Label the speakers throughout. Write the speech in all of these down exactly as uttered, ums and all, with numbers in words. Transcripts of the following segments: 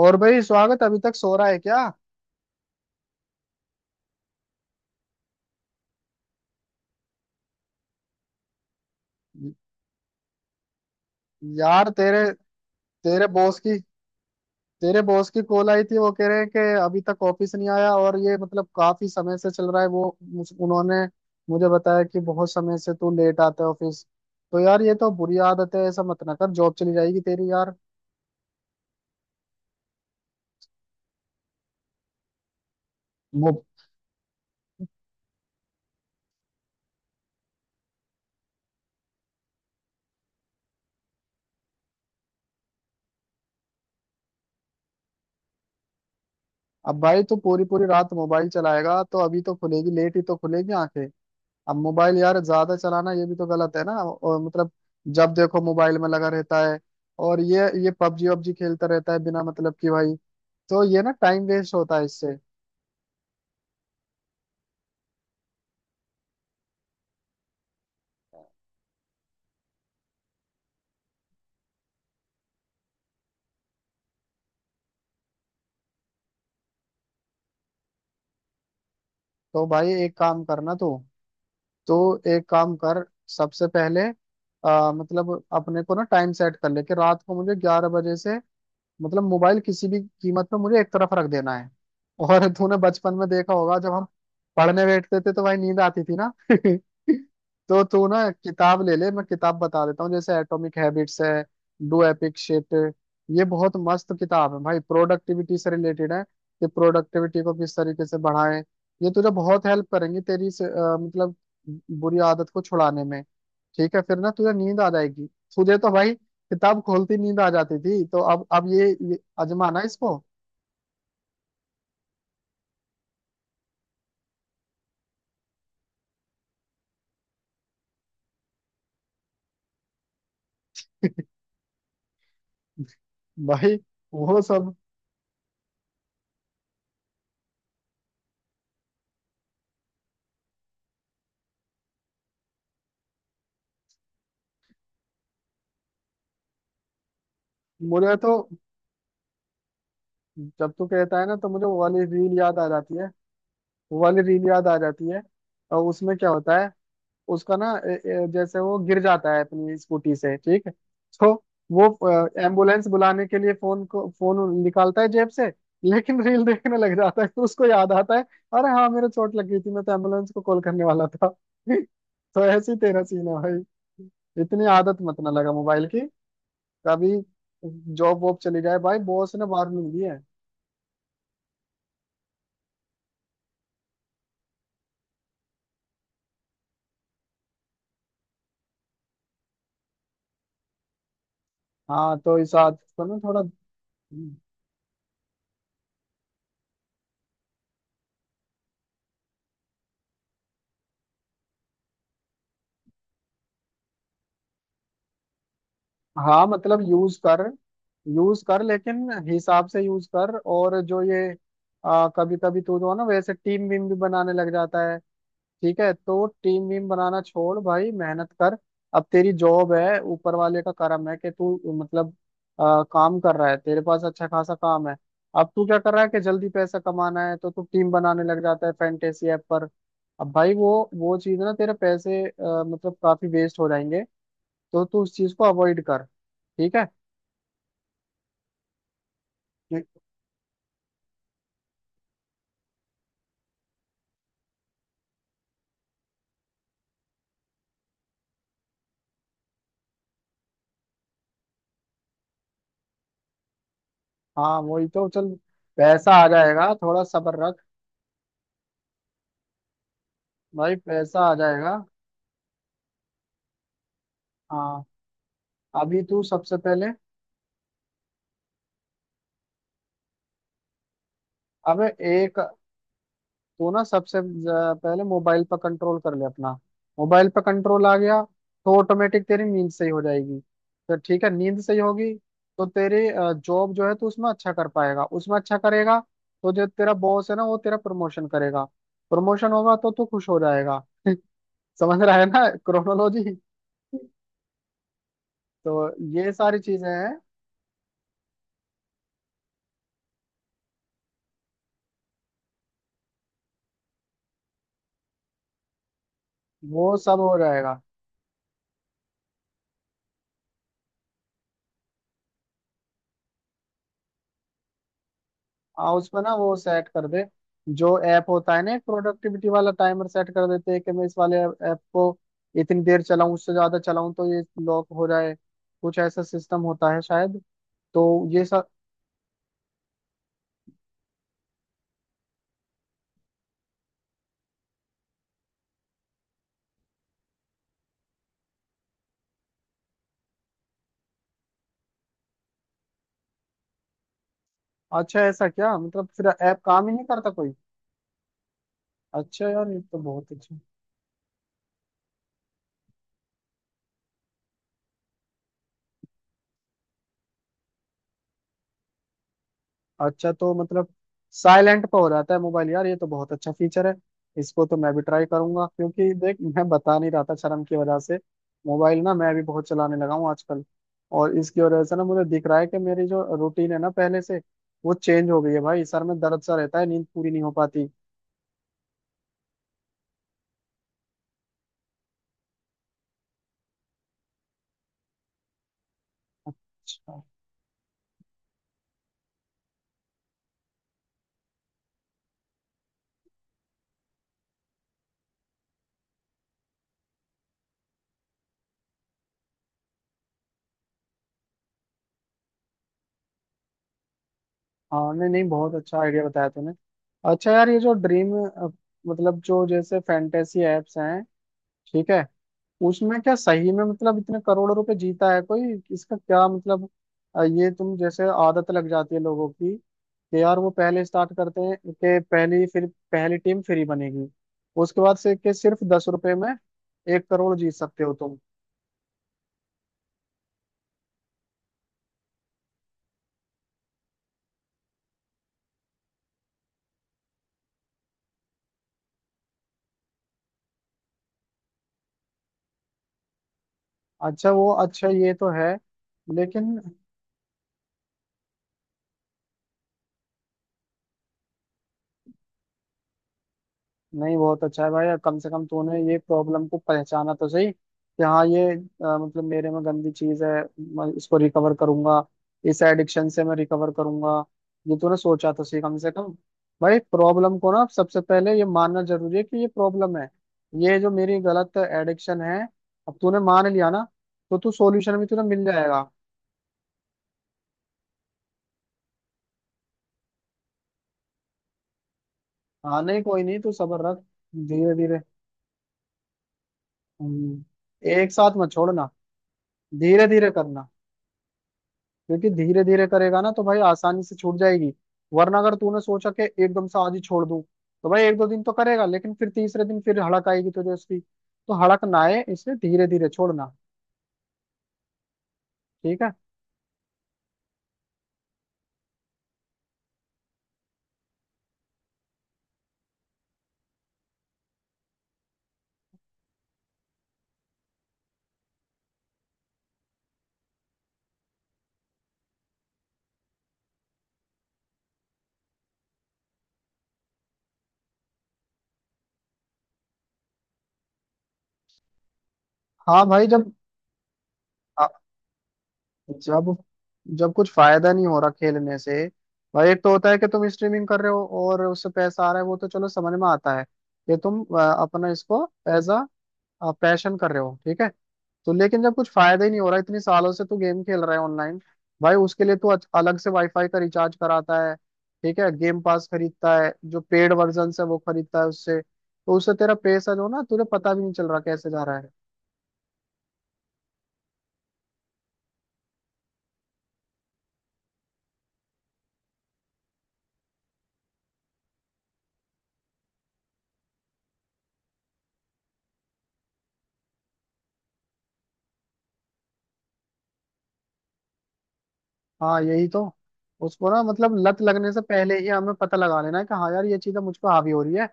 Speaker 1: और भाई, स्वागत अभी तक सो रहा है क्या? यार तेरे तेरे बॉस की तेरे बॉस की कॉल आई थी। वो कह रहे हैं कि अभी तक ऑफिस नहीं आया, और ये मतलब काफी समय से चल रहा है। वो मुझ- उन्होंने मुझे बताया कि बहुत समय से तू लेट आता है ऑफिस। तो यार ये तो बुरी आदत है, ऐसा मत ना कर, जॉब चली जाएगी तेरी यार। मो- अब भाई तू पूरी पूरी रात मोबाइल चलाएगा तो अभी तो खुलेगी, लेट ही तो खुलेगी आंखें। अब मोबाइल यार ज्यादा चलाना ये भी तो गलत है ना, और मतलब जब देखो मोबाइल में लगा रहता है। और ये ये पबजी वबजी खेलता रहता है बिना मतलब कि, भाई। तो ये ना टाइम वेस्ट होता है इससे। तो भाई एक काम करना तू, तो एक काम कर। सबसे पहले आ, मतलब अपने को ना टाइम सेट कर ले कि रात को मुझे ग्यारह बजे से मतलब मोबाइल किसी भी कीमत पे मुझे एक तरफ रख देना है। और तूने बचपन में देखा होगा, जब हम पढ़ने बैठते थे तो भाई नींद आती थी ना। तो तू ना किताब ले ले, मैं किताब बता देता हूँ। जैसे एटॉमिक हैबिट्स है, डू एपिक शिट। ये बहुत मस्त किताब है भाई, प्रोडक्टिविटी से रिलेटेड है कि प्रोडक्टिविटी को किस तरीके से बढ़ाएं। ये तुझे बहुत हेल्प करेंगी तेरी इस अ, मतलब बुरी आदत को छुड़ाने में। ठीक है, फिर ना तुझे नींद आ जाएगी। तुझे तो भाई किताब खोलती नींद आ जाती थी, तो अब अब ये, ये आजमाना इसको। भाई वो सब। मुझे तो, जब तू कहता है ना तो मुझे वो वाली रील याद आ जाती है। वो वाली रील याद आ जाती है। और उसमें क्या होता है? उसका ना ए- ए- जैसे वो गिर जाता है अपनी स्कूटी से, ठीक है। तो वो एम्बुलेंस बुलाने के लिए फोन को फोन निकालता है जेब से, लेकिन रील देखने लग जाता है। तो उसको याद आता है, अरे हाँ, मेरे चोट लग गई थी, मैं तो एम्बुलेंस को कॉल करने वाला था। तो ऐसे ही तेरा सीन है भाई। इतनी आदत मत ना लगा मोबाइल की, कभी जॉब वॉब चली जाए भाई, बॉस ने वार्निंग दी है। हाँ तो इस आदत को ना थोड़ा। हाँ मतलब यूज कर, यूज कर लेकिन हिसाब से यूज कर। और जो ये कभी कभी तू जो है ना, वैसे टीम वीम भी बनाने लग जाता है, ठीक है। तो टीम वीम बनाना छोड़ भाई, मेहनत कर। अब तेरी जॉब है, ऊपर वाले का करम है कि तू मतलब आ, काम कर रहा है, तेरे पास अच्छा खासा काम है। अब तू क्या कर रहा है कि जल्दी पैसा कमाना है तो तू टीम बनाने लग जाता है फैंटेसी ऐप पर। अब भाई वो वो चीज ना तेरे पैसे आ, मतलब काफी वेस्ट हो जाएंगे। तो तू उस चीज को अवॉइड कर, ठीक है। ठीक, हाँ वही तो। चल पैसा आ जाएगा, थोड़ा सब्र रख। भाई पैसा आ जाएगा। हाँ अभी तू सबसे पहले। अबे एक। तू ना सबसे ज- पहले मोबाइल पर कंट्रोल कर ले अपना। मोबाइल पर कंट्रोल आ गया तो ऑटोमेटिक तेरी नींद सही हो जाएगी। तो ठीक है, नींद सही होगी तो तेरी जॉब जो है तू उसमें अच्छा कर पाएगा, उसमें अच्छा करेगा। तो जो तेरा बॉस है ना, वो तेरा प्रमोशन करेगा। प्रमोशन होगा तो तू खुश हो जाएगा। समझ रहा है ना क्रोनोलॉजी? तो ये सारी चीजें हैं, वो सब हो जाएगा। हाँ उसमें ना वो सेट कर दे। जो ऐप होता है ना प्रोडक्टिविटी वाला, टाइमर सेट कर देते हैं कि मैं इस वाले ऐप को इतनी देर चलाऊं, उससे ज्यादा चलाऊं तो ये लॉक हो जाए। कुछ ऐसा सिस्टम होता है शायद। तो ये सब। अच्छा, ऐसा? क्या मतलब फिर ऐप काम ही नहीं करता कोई? अच्छा यार ये तो बहुत अच्छा। अच्छा तो मतलब साइलेंट पे हो जाता है मोबाइल? यार ये तो बहुत अच्छा फीचर है। इसको तो मैं भी ट्राई करूंगा, क्योंकि देख, मैं बता नहीं रहा था शर्म की वजह से, मोबाइल ना मैं भी बहुत चलाने लगा हूँ आजकल। और इसकी वजह से ना मुझे दिख रहा है कि मेरी जो रूटीन है ना पहले से, वो चेंज हो गई है भाई। सर में दर्द सा रहता है, नींद पूरी नहीं हो पाती। अच्छा। हाँ नहीं नहीं, बहुत अच्छा आइडिया बताया तूने। अच्छा यार ये जो ड्रीम मतलब जो जैसे फैंटेसी एप्स हैं, ठीक है, उसमें क्या सही में मतलब इतने करोड़ों रुपए जीता है कोई? इसका क्या मतलब? अ, ये तुम जैसे आदत लग जाती है लोगों की कि यार वो पहले स्टार्ट करते हैं कि पहली, फिर पहली टीम फ्री बनेगी, उसके बाद से कि सिर्फ दस रुपए में एक करोड़ जीत सकते हो तुम। अच्छा वो, अच्छा ये तो है, लेकिन नहीं, बहुत अच्छा है भाई, अब कम से कम तूने ये प्रॉब्लम को पहचाना तो सही कि हाँ ये अ, मतलब मेरे में गंदी चीज है, मैं इसको रिकवर करूंगा, इस एडिक्शन से मैं रिकवर करूंगा। ये तूने सोचा तो सही कम से कम। भाई प्रॉब्लम को ना सबसे पहले ये मानना जरूरी है कि ये प्रॉब्लम है, ये जो मेरी गलत एडिक्शन है। अब तूने मान लिया ना, तो तू सॉल्यूशन भी तुझे मिल जाएगा। हाँ नहीं कोई नहीं, तू सब्र रख। धीरे धीरे। हम्म। एक साथ मत छोड़ना, धीरे धीरे करना। क्योंकि धीरे धीरे करेगा ना तो भाई आसानी से छूट जाएगी। वरना अगर तूने सोचा कि एकदम से आज ही छोड़ दूं, तो भाई एक दो दिन तो करेगा लेकिन फिर तीसरे दिन फिर हड़क आएगी तुझे उसकी। तो हड़क ना आए इसलिए धीरे धीरे छोड़ना, ठीक है। हाँ भाई, जब आ- जब जब कुछ फायदा नहीं हो रहा खेलने से। भाई एक तो होता है कि तुम स्ट्रीमिंग कर रहे हो और उससे पैसा आ रहा है, वो तो चलो समझ में आता है कि तुम अ, अपना इसको एज अ पैशन कर रहे हो, ठीक है। तो लेकिन जब कुछ फायदा ही नहीं हो रहा, इतने सालों से तू गेम खेल रहा है ऑनलाइन। भाई उसके लिए तू अच- अलग से वाईफाई का रिचार्ज कराता है, ठीक है। गेम पास खरीदता है, जो पेड वर्जन है वो खरीदता है, उससे तो उससे तेरा पैसा जो ना तुझे पता भी नहीं चल रहा कैसे जा रहा है। हाँ यही तो। उसको ना मतलब लत लगने से पहले ही हमें पता लगा लेना है कि हाँ यार ये चीजें मुझ पर हावी हो रही है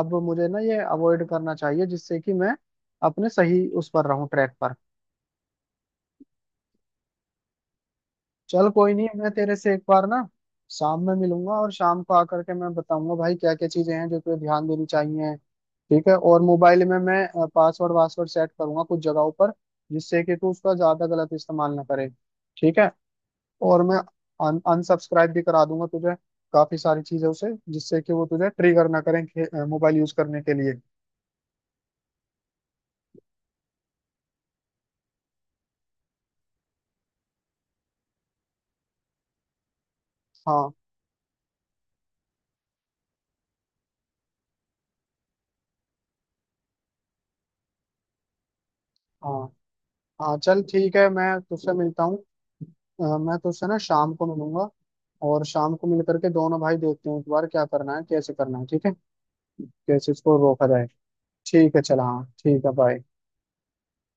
Speaker 1: अब मुझे ना ये अवॉइड करना चाहिए जिससे कि मैं अपने सही उस पर रहूं, ट्रैक पर। चल कोई नहीं, मैं तेरे से एक बार ना शाम में मिलूंगा, और शाम को आकर के मैं बताऊंगा भाई क्या क्या चीजें हैं जो तुझे ध्यान देनी चाहिए, ठीक है। और मोबाइल में मैं पासवर्ड वासवर्ड सेट करूंगा कुछ जगहों पर, जिससे कि तू उसका ज्यादा गलत इस्तेमाल ना करे, ठीक है। और मैं अनसब्सक्राइब भी करा दूंगा तुझे काफी सारी चीजों से, जिससे कि वो तुझे ट्रिगर ना करें मोबाइल यूज करने के लिए। हाँ हाँ हाँ, चल ठीक है, मैं तुझसे मिलता हूँ। अ, मैं तुझसे ना शाम को मिलूंगा, और शाम को मिल करके दोनों भाई देखते हैं एक बार क्या करना है, कैसे करना है, ठीक है, कैसे इसको रोका जाए। ठीक है, चल, हाँ ठीक है, बाय।